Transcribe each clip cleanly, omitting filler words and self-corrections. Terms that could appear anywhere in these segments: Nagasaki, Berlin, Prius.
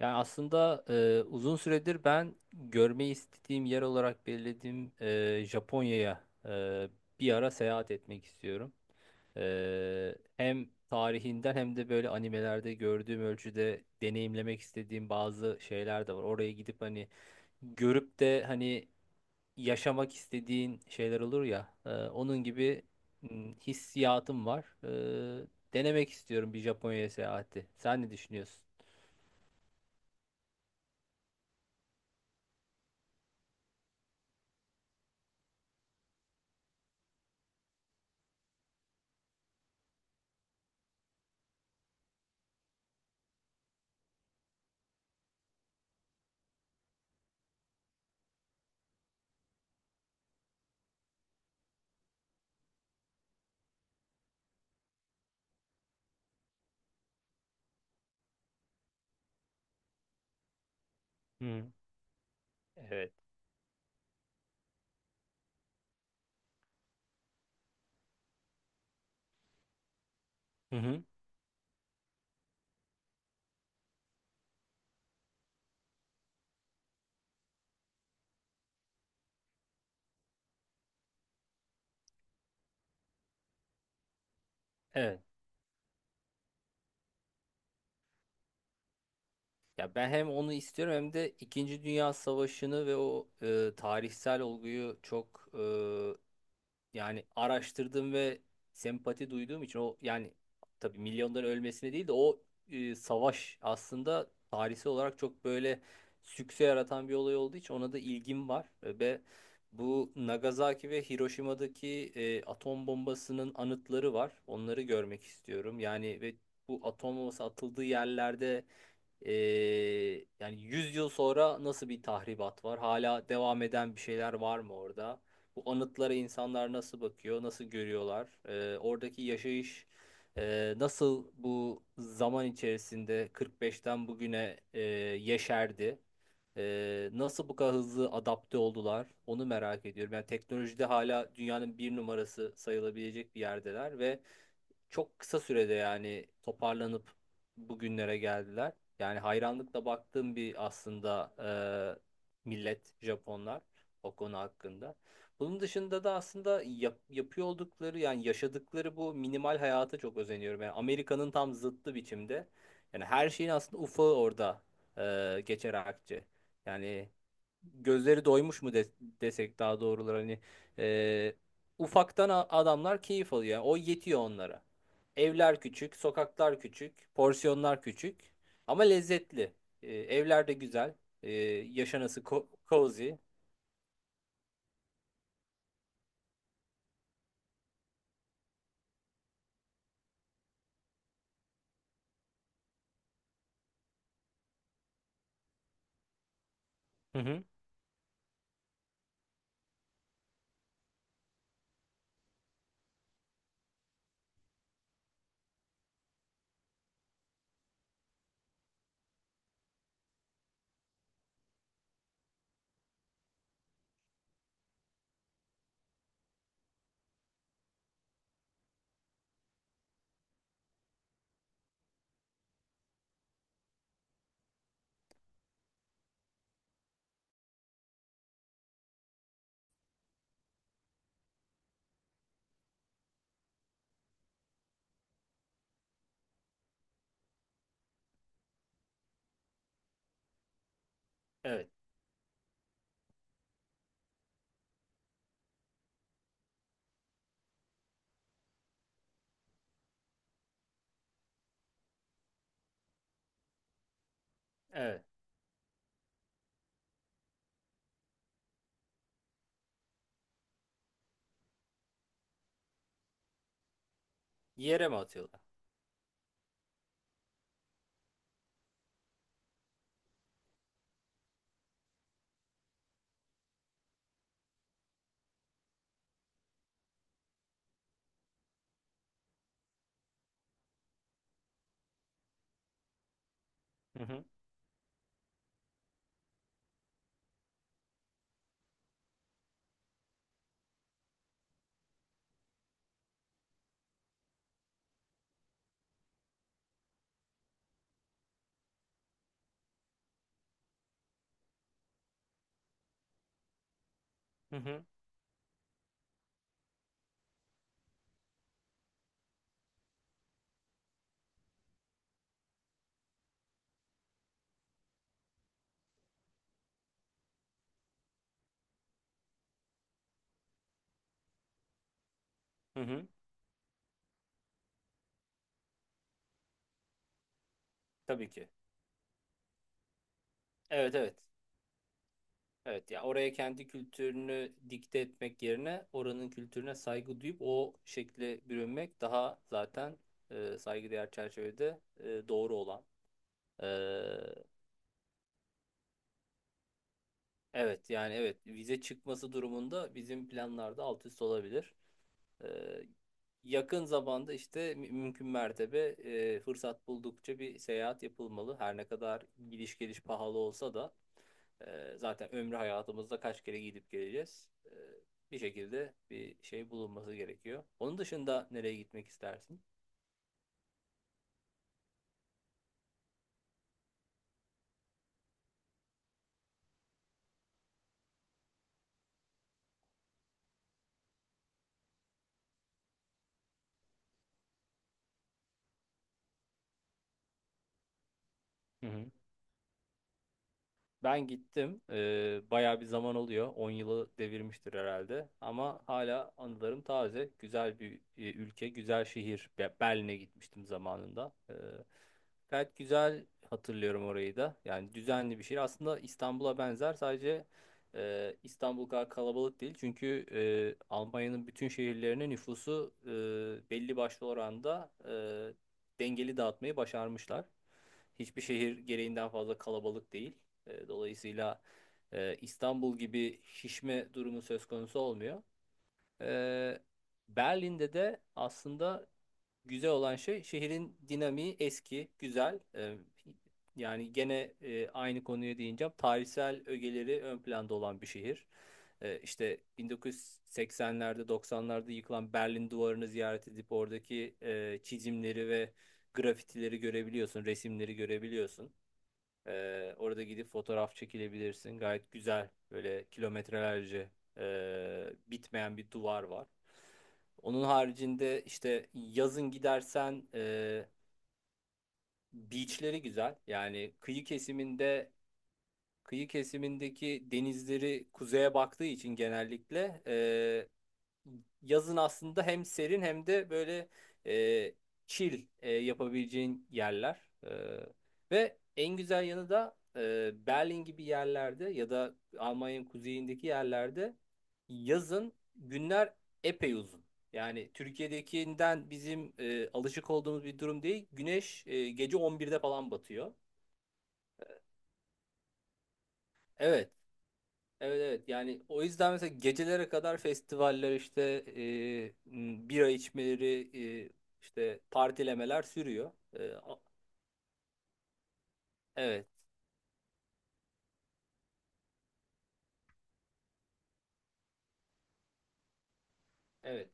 Yani aslında uzun süredir ben görmeyi istediğim yer olarak belirlediğim Japonya'ya bir ara seyahat etmek istiyorum. Hem tarihinden hem de böyle animelerde gördüğüm ölçüde deneyimlemek istediğim bazı şeyler de var. Oraya gidip hani görüp de hani yaşamak istediğin şeyler olur ya. Onun gibi hissiyatım var. E, Denemek istiyorum bir Japonya'ya seyahati. Sen ne düşünüyorsun? Hı. Evet. Hı hı. Evet. Ya ben hem onu istiyorum hem de İkinci Dünya Savaşı'nı ve o tarihsel olguyu çok yani araştırdım ve sempati duyduğum için o, yani tabii milyonların ölmesine değil de o savaş aslında tarihsel olarak çok böyle sükse yaratan bir olay olduğu için ona da ilgim var. Ve bu Nagasaki ve Hiroşima'daki atom bombasının anıtları var. Onları görmek istiyorum. Yani ve bu atom bombası atıldığı yerlerde e, yani 100 yıl sonra nasıl bir tahribat var? Hala devam eden bir şeyler var mı orada? Bu anıtlara insanlar nasıl bakıyor, nasıl görüyorlar? Oradaki yaşayış nasıl bu zaman içerisinde 45'ten bugüne yeşerdi? Nasıl bu kadar hızlı adapte oldular? Onu merak ediyorum. Yani teknolojide hala dünyanın bir numarası sayılabilecek bir yerdeler ve çok kısa sürede yani toparlanıp bugünlere geldiler. Yani hayranlıkla baktığım bir aslında millet Japonlar o konu hakkında. Bunun dışında da aslında yapıyor oldukları yani yaşadıkları bu minimal hayata çok özeniyorum. Yani Amerika'nın tam zıttı biçimde. Yani her şeyin aslında ufağı orada geçer akçe. Yani gözleri doymuş mu, desek daha doğruları hani e, ufaktan adamlar keyif alıyor. Yani o yetiyor onlara. Evler küçük, sokaklar küçük, porsiyonlar küçük ama lezzetli. Evler de güzel. Ee, yaşanası cozy. Hı hı. Evet, evet. Yere mi atıyorlar? Hı hı. Hı hı. Hı hı. Tabii ki. Evet, evet. Evet, ya oraya kendi kültürünü dikte etmek yerine oranın kültürüne saygı duyup o şekle bürünmek daha zaten saygıdeğer çerçevede doğru olan. e, Evet, yani evet, vize çıkması durumunda bizim planlarda alt üst olabilir. Ee, Yakın zamanda işte mümkün mertebe fırsat buldukça bir seyahat yapılmalı. Her ne kadar gidiş geliş pahalı olsa da zaten ömrü hayatımızda kaç kere gidip geleceğiz. Bir şekilde bir şey bulunması gerekiyor. Onun dışında nereye gitmek istersin? Ben gittim. Bayağı bir zaman oluyor. On yılı devirmiştir herhalde. Ama hala anılarım taze. Güzel bir ülke, güzel şehir. Berlin'e gitmiştim zamanında. Gayet güzel hatırlıyorum orayı da. Yani düzenli bir şehir. Aslında İstanbul'a benzer. Sadece İstanbul kadar kalabalık değil. Çünkü Almanya'nın bütün şehirlerine nüfusu belli başlı oranda dengeli dağıtmayı başarmışlar. Hiçbir şehir gereğinden fazla kalabalık değil. Dolayısıyla İstanbul gibi şişme durumu söz konusu olmuyor. E, Berlin'de de aslında güzel olan şey şehrin dinamiği eski, güzel. Yani gene aynı konuya değineceğim. Tarihsel ögeleri ön planda olan bir şehir. İşte 1980'lerde 90'larda yıkılan Berlin duvarını ziyaret edip oradaki çizimleri ve grafitileri görebiliyorsun, resimleri görebiliyorsun. Orada gidip fotoğraf çekilebilirsin. Gayet güzel böyle kilometrelerce bitmeyen bir duvar var. Onun haricinde işte yazın gidersen beachleri güzel. Yani kıyı kesimindeki denizleri kuzeye baktığı için genellikle yazın aslında hem serin hem de böyle e, chill yapabileceğin yerler. E, Ve en güzel yanı da Berlin gibi yerlerde ya da Almanya'nın kuzeyindeki yerlerde yazın günler epey uzun. Yani Türkiye'dekinden bizim alışık olduğumuz bir durum değil. Güneş gece 11'de falan batıyor. Evet, evet, evet, yani o yüzden mesela gecelere kadar festivaller işte bira içmeleri e, işte partilemeler sürüyor. Evet, evet.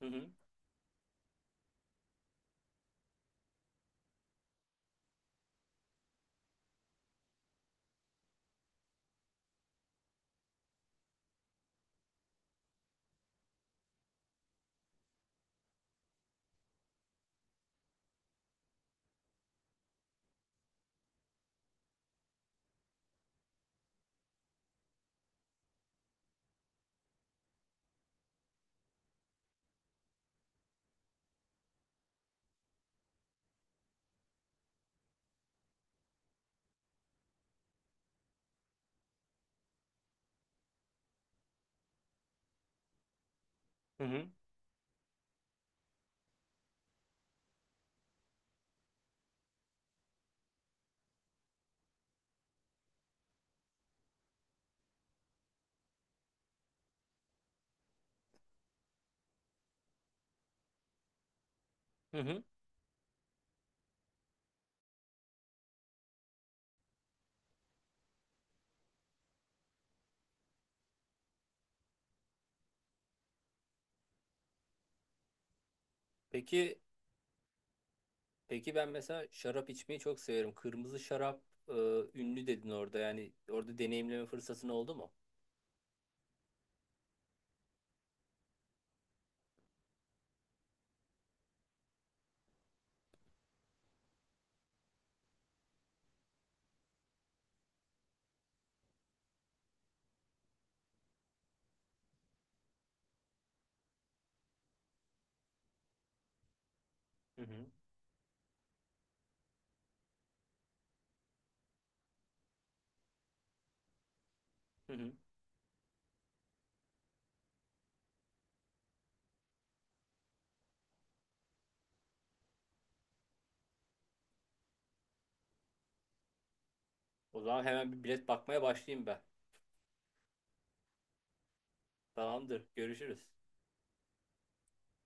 Hı hı. Hı hı. Hı hı. Peki, peki ben mesela şarap içmeyi çok severim. Kırmızı şarap e, ünlü dedin orada, yani orada deneyimleme fırsatın oldu mu? Hı hı. Hı hı. O zaman hemen bir bilet bakmaya başlayayım ben. Tamamdır. Görüşürüz.